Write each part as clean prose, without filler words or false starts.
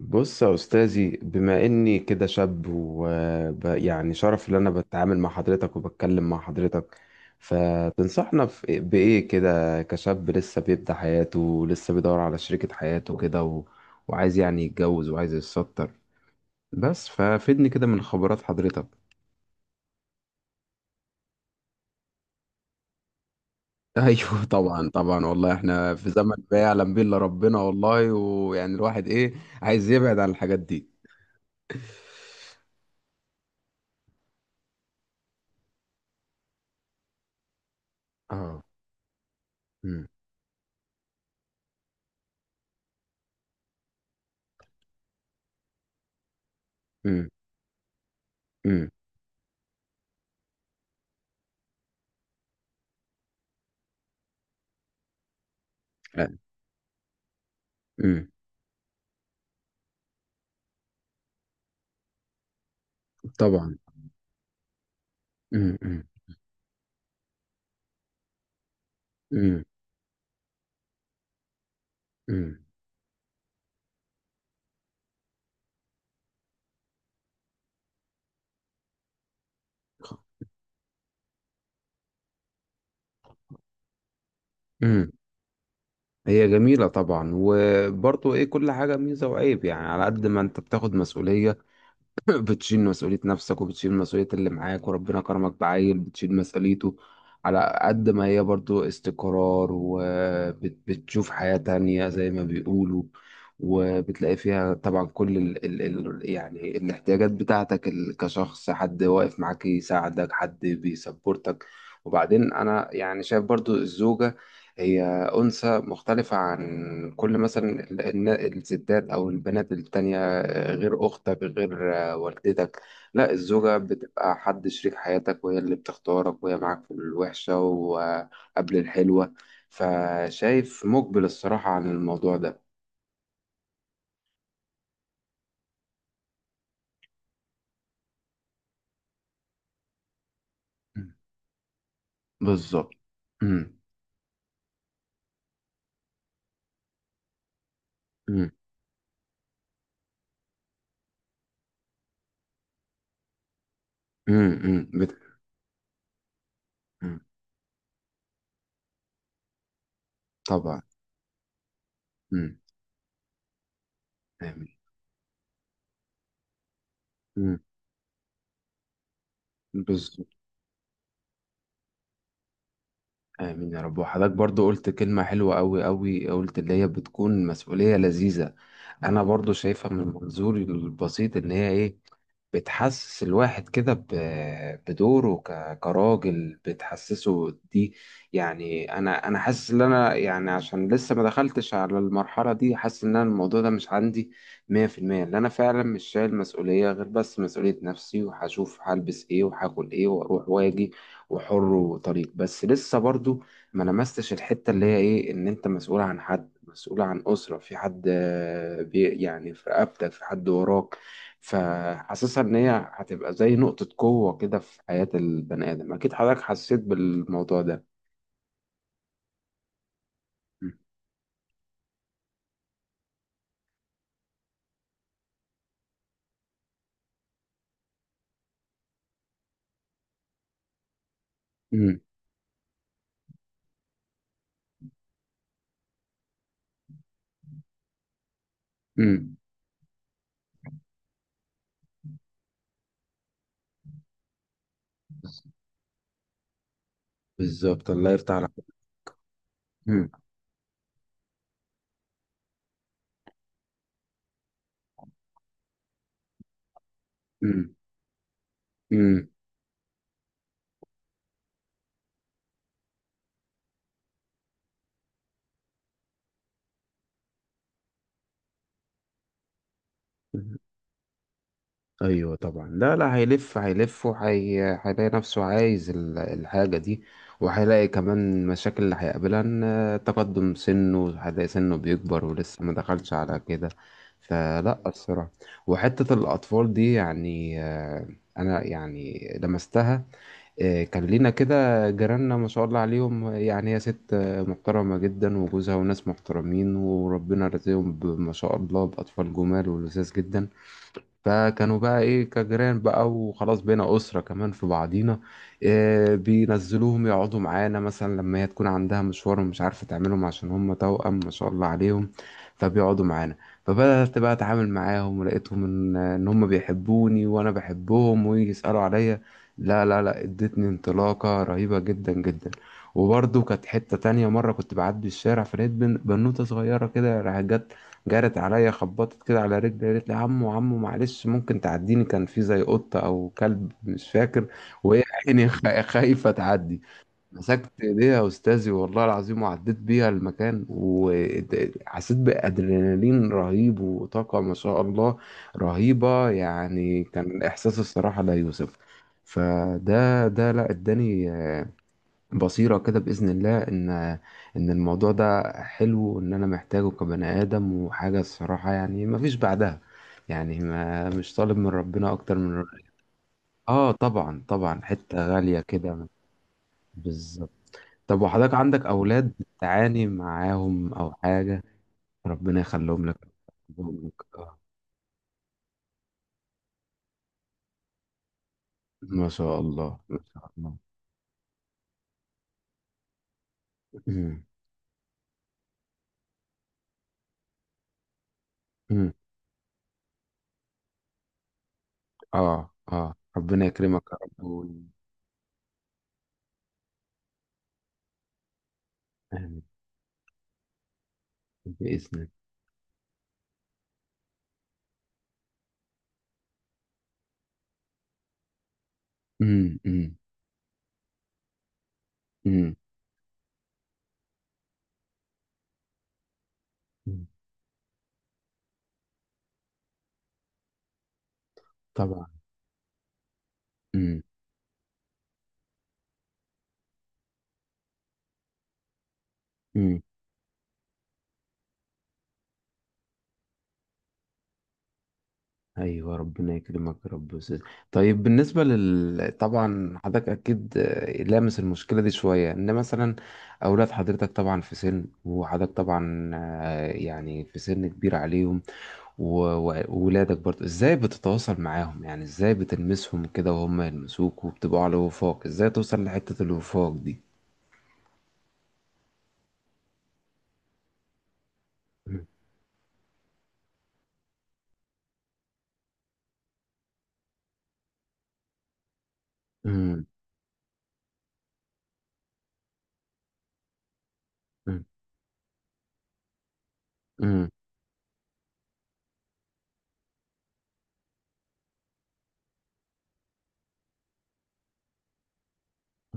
بص يا أستاذي، بما إني كده شاب، ويعني شرف إن أنا بتعامل مع حضرتك وبتكلم مع حضرتك. فتنصحنا بإيه كده كشاب لسه بيبدأ حياته، لسه بيدور على شريكة حياته كده وعايز يعني يتجوز، وعايز يتستر. بس ففيدني كده من خبرات حضرتك. أيوه، طبعا طبعا، والله إحنا في زمن ما يعلم به إلا ربنا، والله ويعني الواحد إيه، عايز يبعد عن الحاجات دي. آه. أمم، أمم، أمم، آه، أمم. طبعا. امم، امم، امم، امم. إمم. هي جميلة طبعا. وبرضه ايه، كل حاجة ميزة وعيب، يعني على قد ما انت بتاخد مسؤولية، بتشيل مسؤولية نفسك، وبتشيل مسؤولية اللي معاك، وربنا كرمك بعيل بتشيل مسؤوليته. على قد ما هي برضو استقرار، وبتشوف حياة تانية زي ما بيقولوا. وبتلاقي فيها طبعا كل ال يعني الاحتياجات بتاعتك، كشخص، حد واقف معاك يساعدك، حد بيسبورتك. وبعدين أنا يعني شايف برضو الزوجة، هي أنثى مختلفة عن كل مثلا الستات أو البنات التانية، غير أختك، غير والدتك. لا، الزوجة بتبقى حد شريك حياتك، وهي اللي بتختارك، وهي معاك في الوحشة وقبل الحلوة. فشايف مقبل الصراحة عن الموضوع ده. مم. بالظبط. مم. مم. مم. مم. مم. طبعا. مم. آمين. مم. بالظبط. آمين يا رب. وحضرتك برضو قلت كلمة حلوة أوي أوي، قلت اللي هي بتكون مسؤولية لذيذة. أنا برضو شايفها من منظوري البسيط إن هي إيه، بتحسس الواحد كده، بدوره كراجل، بتحسسه دي. يعني انا حاسس ان انا يعني عشان لسه ما دخلتش على المرحله دي، حاسس ان انا الموضوع ده مش عندي 100%. اللي انا فعلا مش شايل مسؤوليه غير بس مسؤوليه نفسي، وهشوف هلبس ايه وهاكل ايه واروح واجي، وحر وطريق، بس لسه برضو ما لمستش الحته اللي هي ايه، ان انت مسؤول عن حد، مسؤول عن اسره، في حد آه، بي يعني في رقبتك، في حد وراك. فحاسسها ان هي هتبقى زي نقطة قوة كده في حياة البني آدم. اكيد حضرتك حسيت بالموضوع ده. مم. مم. بالظبط، الله يفتح عليك. مم. مم. مم. ايوه طبعا، لا لا، هيلف هيلف وهي هيلاقي نفسه عايز الحاجه دي. وهيلاقي كمان مشاكل اللي هيقابلها، ان تقدم سنه، هيلاقي سنه بيكبر ولسه ما دخلش على كده. فلا الصراحه. وحته الاطفال دي يعني. انا يعني لمستها. كان لينا كده، جيراننا ما شاء الله عليهم، يعني هي ست محترمه جدا وجوزها وناس محترمين، وربنا رزقهم ما شاء الله باطفال جمال ولذاذ جدا. فكانوا بقى ايه كجيران بقى، وخلاص بينا اسره كمان في بعضينا. إيه، بينزلوهم يقعدوا معانا مثلا لما هي تكون عندها مشوار، ومش عارفه تعملهم عشان هم توأم ما شاء الله عليهم. فبيقعدوا معانا. فبدأت بقى اتعامل معاهم، ولقيتهم ان هم بيحبوني وانا بحبهم، ويجي يسألوا عليا. لا، لا، لا، ادتني انطلاقه رهيبه جدا جدا. وبرضه كانت حتة تانية، مرة كنت بعدي الشارع فلقيت بنوتة صغيرة كده راحت جت، جرت عليا، خبطت كده على رجلي، قالت لي: عمو عمو معلش ممكن تعديني، كان في زي قطة أو كلب مش فاكر، وهي عيني خايفة تعدي. مسكت إيديها يا أستاذي، والله العظيم، وعديت بيها المكان، وحسيت بأدرينالين رهيب وطاقة ما شاء الله رهيبة. يعني كان إحساس الصراحة لا يوصف. فده لا اداني بصيرة كده بإذن الله، إن الموضوع ده حلو، وإن أنا محتاجه كبني آدم، وحاجة الصراحة يعني مفيش بعدها. يعني ما مش طالب من ربنا أكتر من ربنا. آه طبعا طبعا، حتة غالية كده. بالظبط. طب وحضرتك عندك أولاد بتعاني معاهم أو حاجة؟ ربنا يخليهم لك. يحفظهم لك. آه. ما شاء الله، ما شاء الله. أمم، أمم. آه، آه، ربنا يكرمك يا رب. آمين. بإذنك. أمم، أمم، أمم. طبعا. امم، امم. ايوه ربنا يكرمك يا رب يا أستاذ. طيب بالنسبه طبعا، حضرتك اكيد لامس المشكله دي شويه، ان مثلا اولاد حضرتك طبعا في سن، وحضرتك طبعا يعني في سن كبير عليهم. و- وولادك برضه ازاي بتتواصل معاهم، يعني ازاي بتلمسهم كده وهم يلمسوك، وبتبقوا على وفاق. ازاي توصل لحته الوفاق دي؟ مم. مم. مم.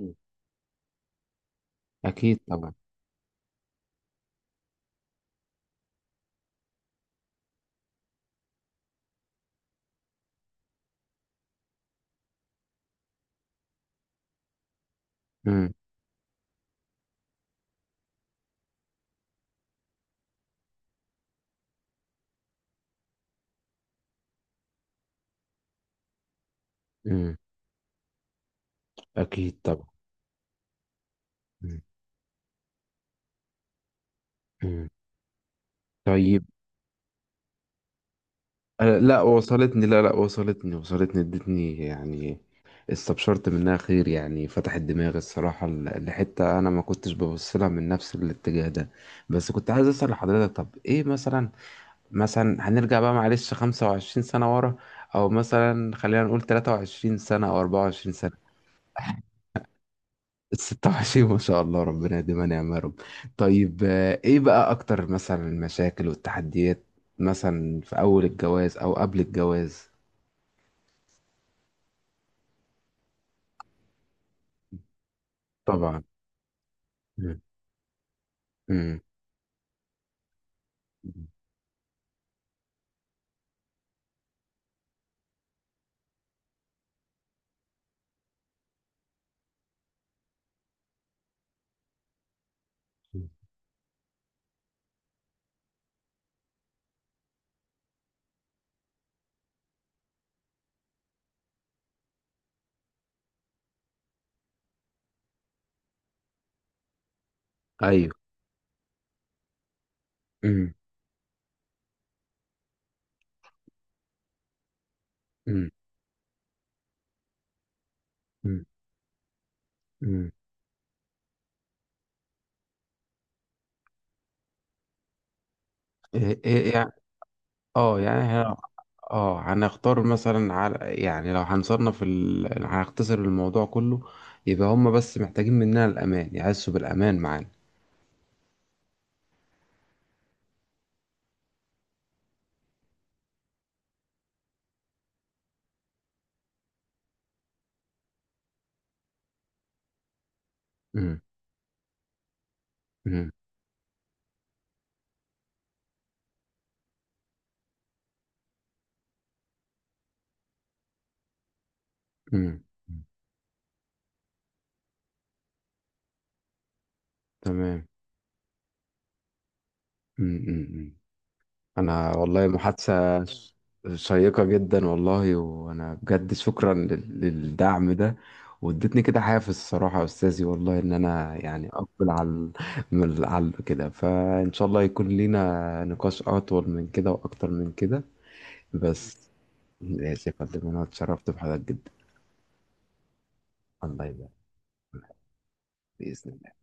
مم. اكيد طبعا. مم. مم. اكيد طبعا. مم. مم. طيب. أنا لا، وصلتني، لا لا، وصلتني، وصلتني، ادتني يعني استبشرت منها خير، يعني فتحت دماغي الصراحة لحتة أنا ما كنتش ببص لها من نفس الاتجاه ده. بس كنت عايز أسأل لحضرتك، طب إيه مثلا، مثلا هنرجع بقى معلش 25 سنة ورا، أو مثلا خلينا نقول 23 سنة أو 24 سنة. ال 26 ما شاء الله، ربنا يديمها نعمة يا رب. طيب، ايه بقى اكتر مثلا المشاكل والتحديات، مثلا في اول الجواز او قبل الجواز؟ طبعا. مم. مم. مم. ايوه. مم. مم. مم. مم. ايه، إيه، إيه، يعني اه يعني اه، هنختار مثلا على، يعني، لو هنصنف هنختصر الموضوع كله. يبقى هم بس محتاجين مننا الامان، يحسوا بالامان معانا. مم. مم. مم. تمام. مم. مم. انا والله محادثة شيقة جدا، والله وانا بجد شكرا للدعم ده، وادتني كده حافز الصراحة يا استاذي، والله ان انا يعني اقبل على على كده، فان شاء الله يكون لينا نقاش اطول من كده واكتر من كده. بس. ماشي يا فندم، انا اتشرفت بحضرتك جدا. الله يبارك. بإذن الله.